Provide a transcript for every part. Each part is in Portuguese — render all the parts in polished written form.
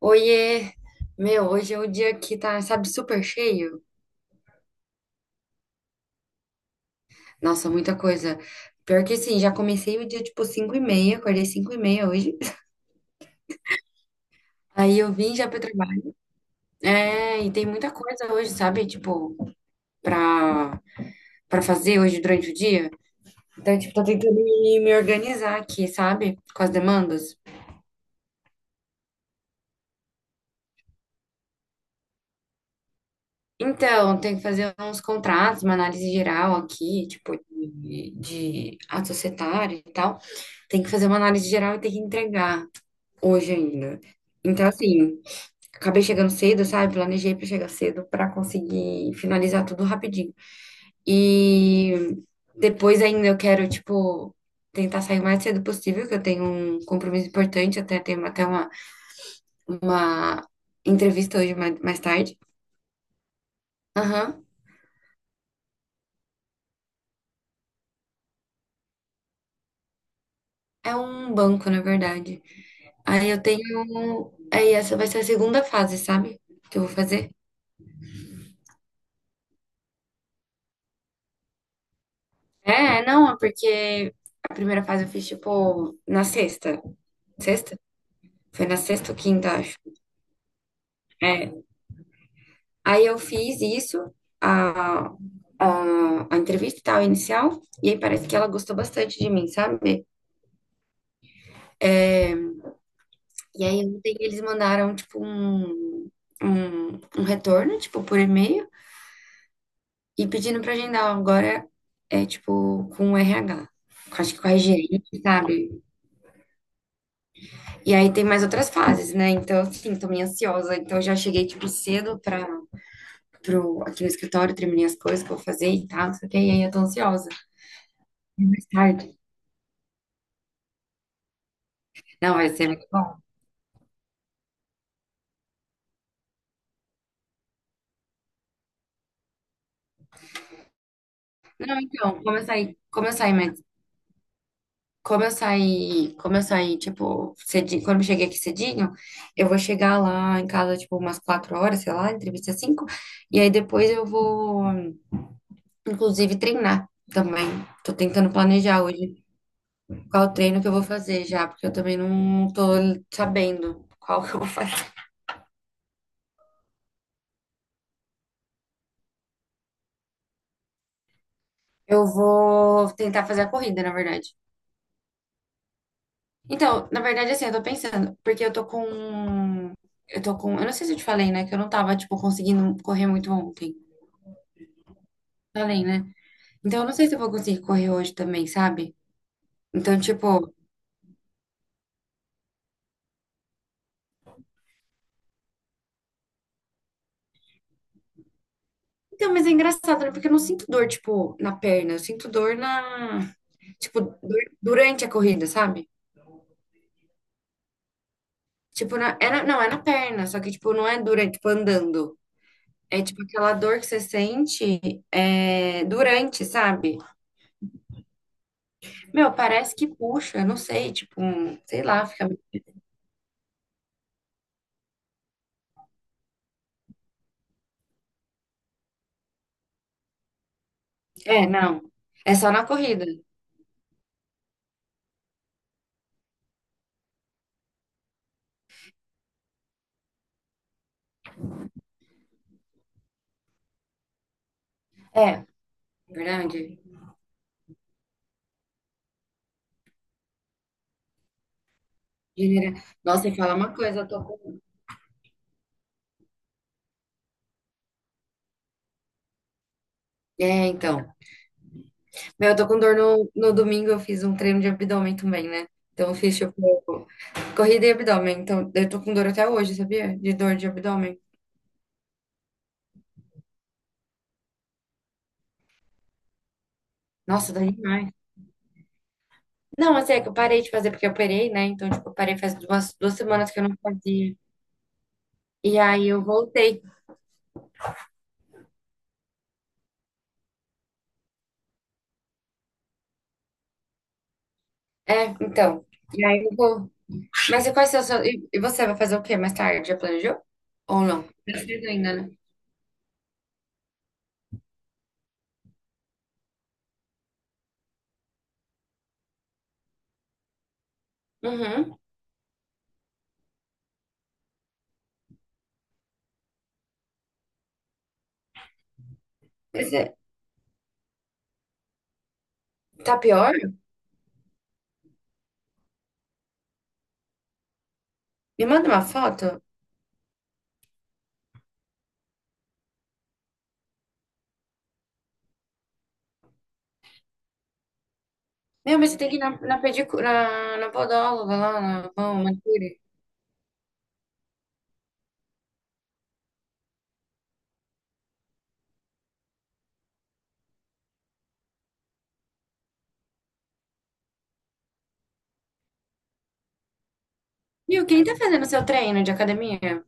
Oiê! Meu, hoje é o dia que tá, sabe, super cheio. Nossa, muita coisa. Pior que sim, já comecei o dia tipo 5h30, acordei 5h30 hoje. Aí eu vim já pro trabalho. É, e tem muita coisa hoje, sabe? Tipo, pra, pra fazer hoje durante o dia. Então, tipo, tô tentando me organizar aqui, sabe? Com as demandas. Então, tem que fazer uns contratos, uma análise geral aqui, tipo, de ato societário e tal. Tem que fazer uma análise geral e tem que entregar hoje ainda. Então, assim, acabei chegando cedo, sabe? Planejei para chegar cedo para conseguir finalizar tudo rapidinho. E depois ainda eu quero, tipo, tentar sair o mais cedo possível, que eu tenho um compromisso importante, até tenho até uma entrevista hoje mais tarde. Aham. É um banco, na verdade. Aí eu tenho. Aí essa vai ser a segunda fase, sabe? Que eu vou fazer. É, não, é porque a primeira fase eu fiz, tipo, na sexta. Sexta? Foi na sexta ou quinta, acho. É. Aí eu fiz isso, a, a entrevista e tal, inicial, e aí parece que ela gostou bastante de mim, sabe? É, e aí ontem eles mandaram, tipo, um retorno, tipo, por e-mail, e pedindo pra agendar agora, é, tipo, com o RH. Acho que com a gerente, sabe? E aí tem mais outras fases, né? Então, assim, tô meio ansiosa. Então, eu já cheguei, tipo, cedo pra aqui no escritório, terminei as coisas que eu vou fazer e tal, não sei o quê, e aí eu tô ansiosa. E mais tarde. Não, vai ser muito bom. Não, então, mas como eu saí, tipo, cedinho, quando eu cheguei aqui cedinho, eu vou chegar lá em casa, tipo, umas 4 horas, sei lá, entrevista cinco, e aí depois eu vou, inclusive, treinar também. Tô tentando planejar hoje qual treino que eu vou fazer já, porque eu também não tô sabendo qual que eu vou fazer. Eu vou tentar fazer a corrida, na verdade. Então, na verdade, assim, eu tô pensando, porque eu tô com. Eu tô com. Eu não sei se eu te falei, né? Que eu não tava, tipo, conseguindo correr muito ontem. Falei, né? Então, eu não sei se eu vou conseguir correr hoje também, sabe? Então, tipo. Então, mas é engraçado, né? Porque eu não sinto dor, tipo, na perna. Eu sinto dor na. Tipo, dor durante a corrida, sabe? Tipo, não, é na perna, só que, tipo, não é durante, tipo, andando. É, tipo, aquela dor que você sente é, durante, sabe? Meu, parece que puxa, não sei, tipo, sei lá, fica. É, não. É só na corrida. É, verdade. Nossa, e fala uma coisa, eu tô com. É, então. Meu, eu tô com dor no. No domingo, eu fiz um treino de abdômen também, né? Então eu fiz, tipo, corrida e abdômen. Então eu tô com dor até hoje, sabia? De dor de abdômen. Nossa, dói demais. Não, assim, é que eu parei de fazer porque eu operei, né? Então, tipo, eu parei faz duas semanas que eu não fazia. E aí eu voltei. É, então. E aí eu vou. Mas e quais são os seus. E você vai fazer o quê mais tarde? Já planejou? Ou não? Não fez ainda, né? Uhum. Pois é. Tá pior? Me manda uma foto. Meu, mas você tem que ir na pedicura, na podóloga lá, na mão, manicure. Viu, quem tá fazendo seu treino de academia?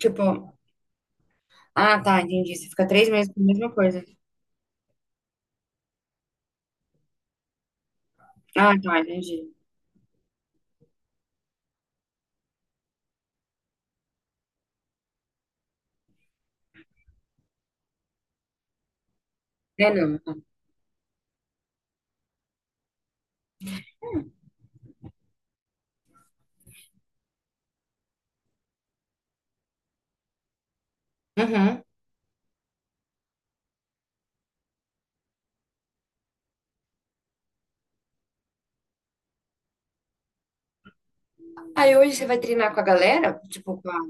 Tipo, ah, tá, entendi. Você fica 3 meses com a mesma coisa. Ah, tá, entendi. É, não. Tá. Uhum. Aí hoje você vai treinar com a galera? Tipo, com a.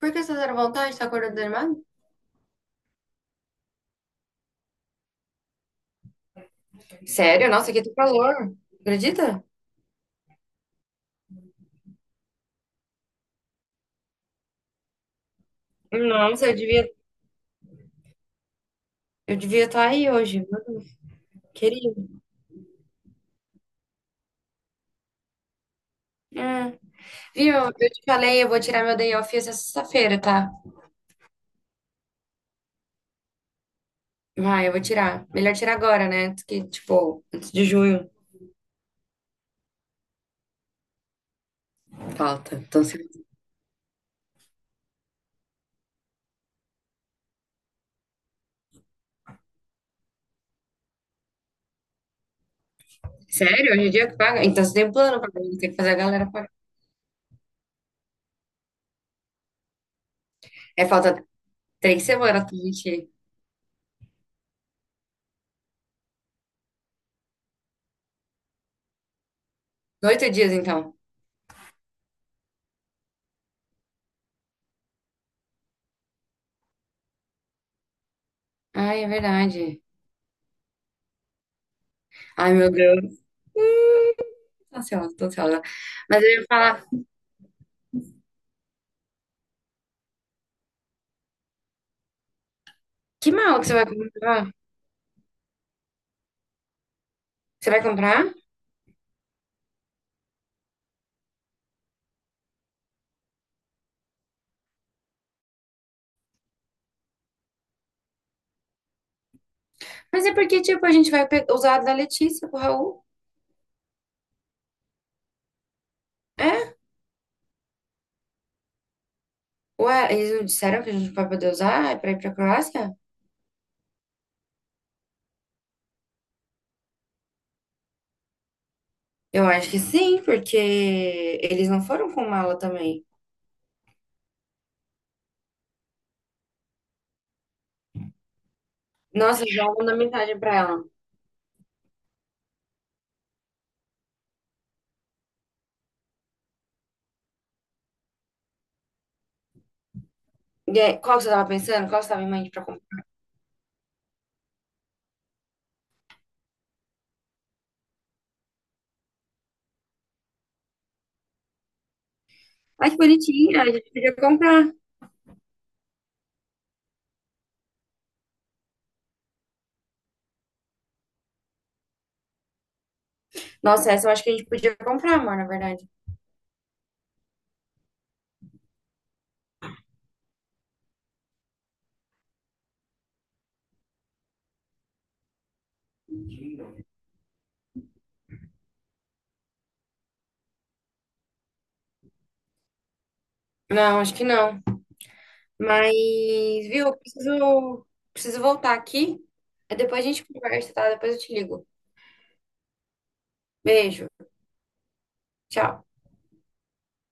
Por que você tá à vontade? Tá acordando desanimado? Sério? Nossa, aqui tá calor. Acredita? Nossa, eu devia estar aí hoje, viu, querido? É. E eu te falei, eu vou tirar meu day off essa sexta-feira, tá? Vai, eu vou tirar. Melhor tirar agora, né, do que, tipo, antes de junho. Falta. Então, se. Sério? Hoje em dia que paga? Então, você tem um plano pra mim, tem que fazer a galera pagar. É, falta 3 semanas pra gente ir. 8 dias, então. Ai, é verdade. Ai, meu Deus. Tô ansiosa, tô ansiosa. Mas eu ia falar, que mal que você vai comprar? Você vai comprar? Mas é porque, tipo, a gente vai usar a da Letícia pro Raul. É? Ué, eles não disseram que a gente vai poder usar pra ir pra Croácia? Eu acho que sim, porque eles não foram com mala também. Nossa, já manda mensagem pra ela. E aí, qual que você tava pensando? Qual que você tava em mente pra comprar? Ai, que bonitinha, a gente podia comprar. Nossa, essa eu acho que a gente podia comprar, amor, na verdade. Não, acho que não. Mas, viu, eu preciso voltar aqui. Aí depois a gente conversa, tá? Depois eu te ligo. Beijo, tchau.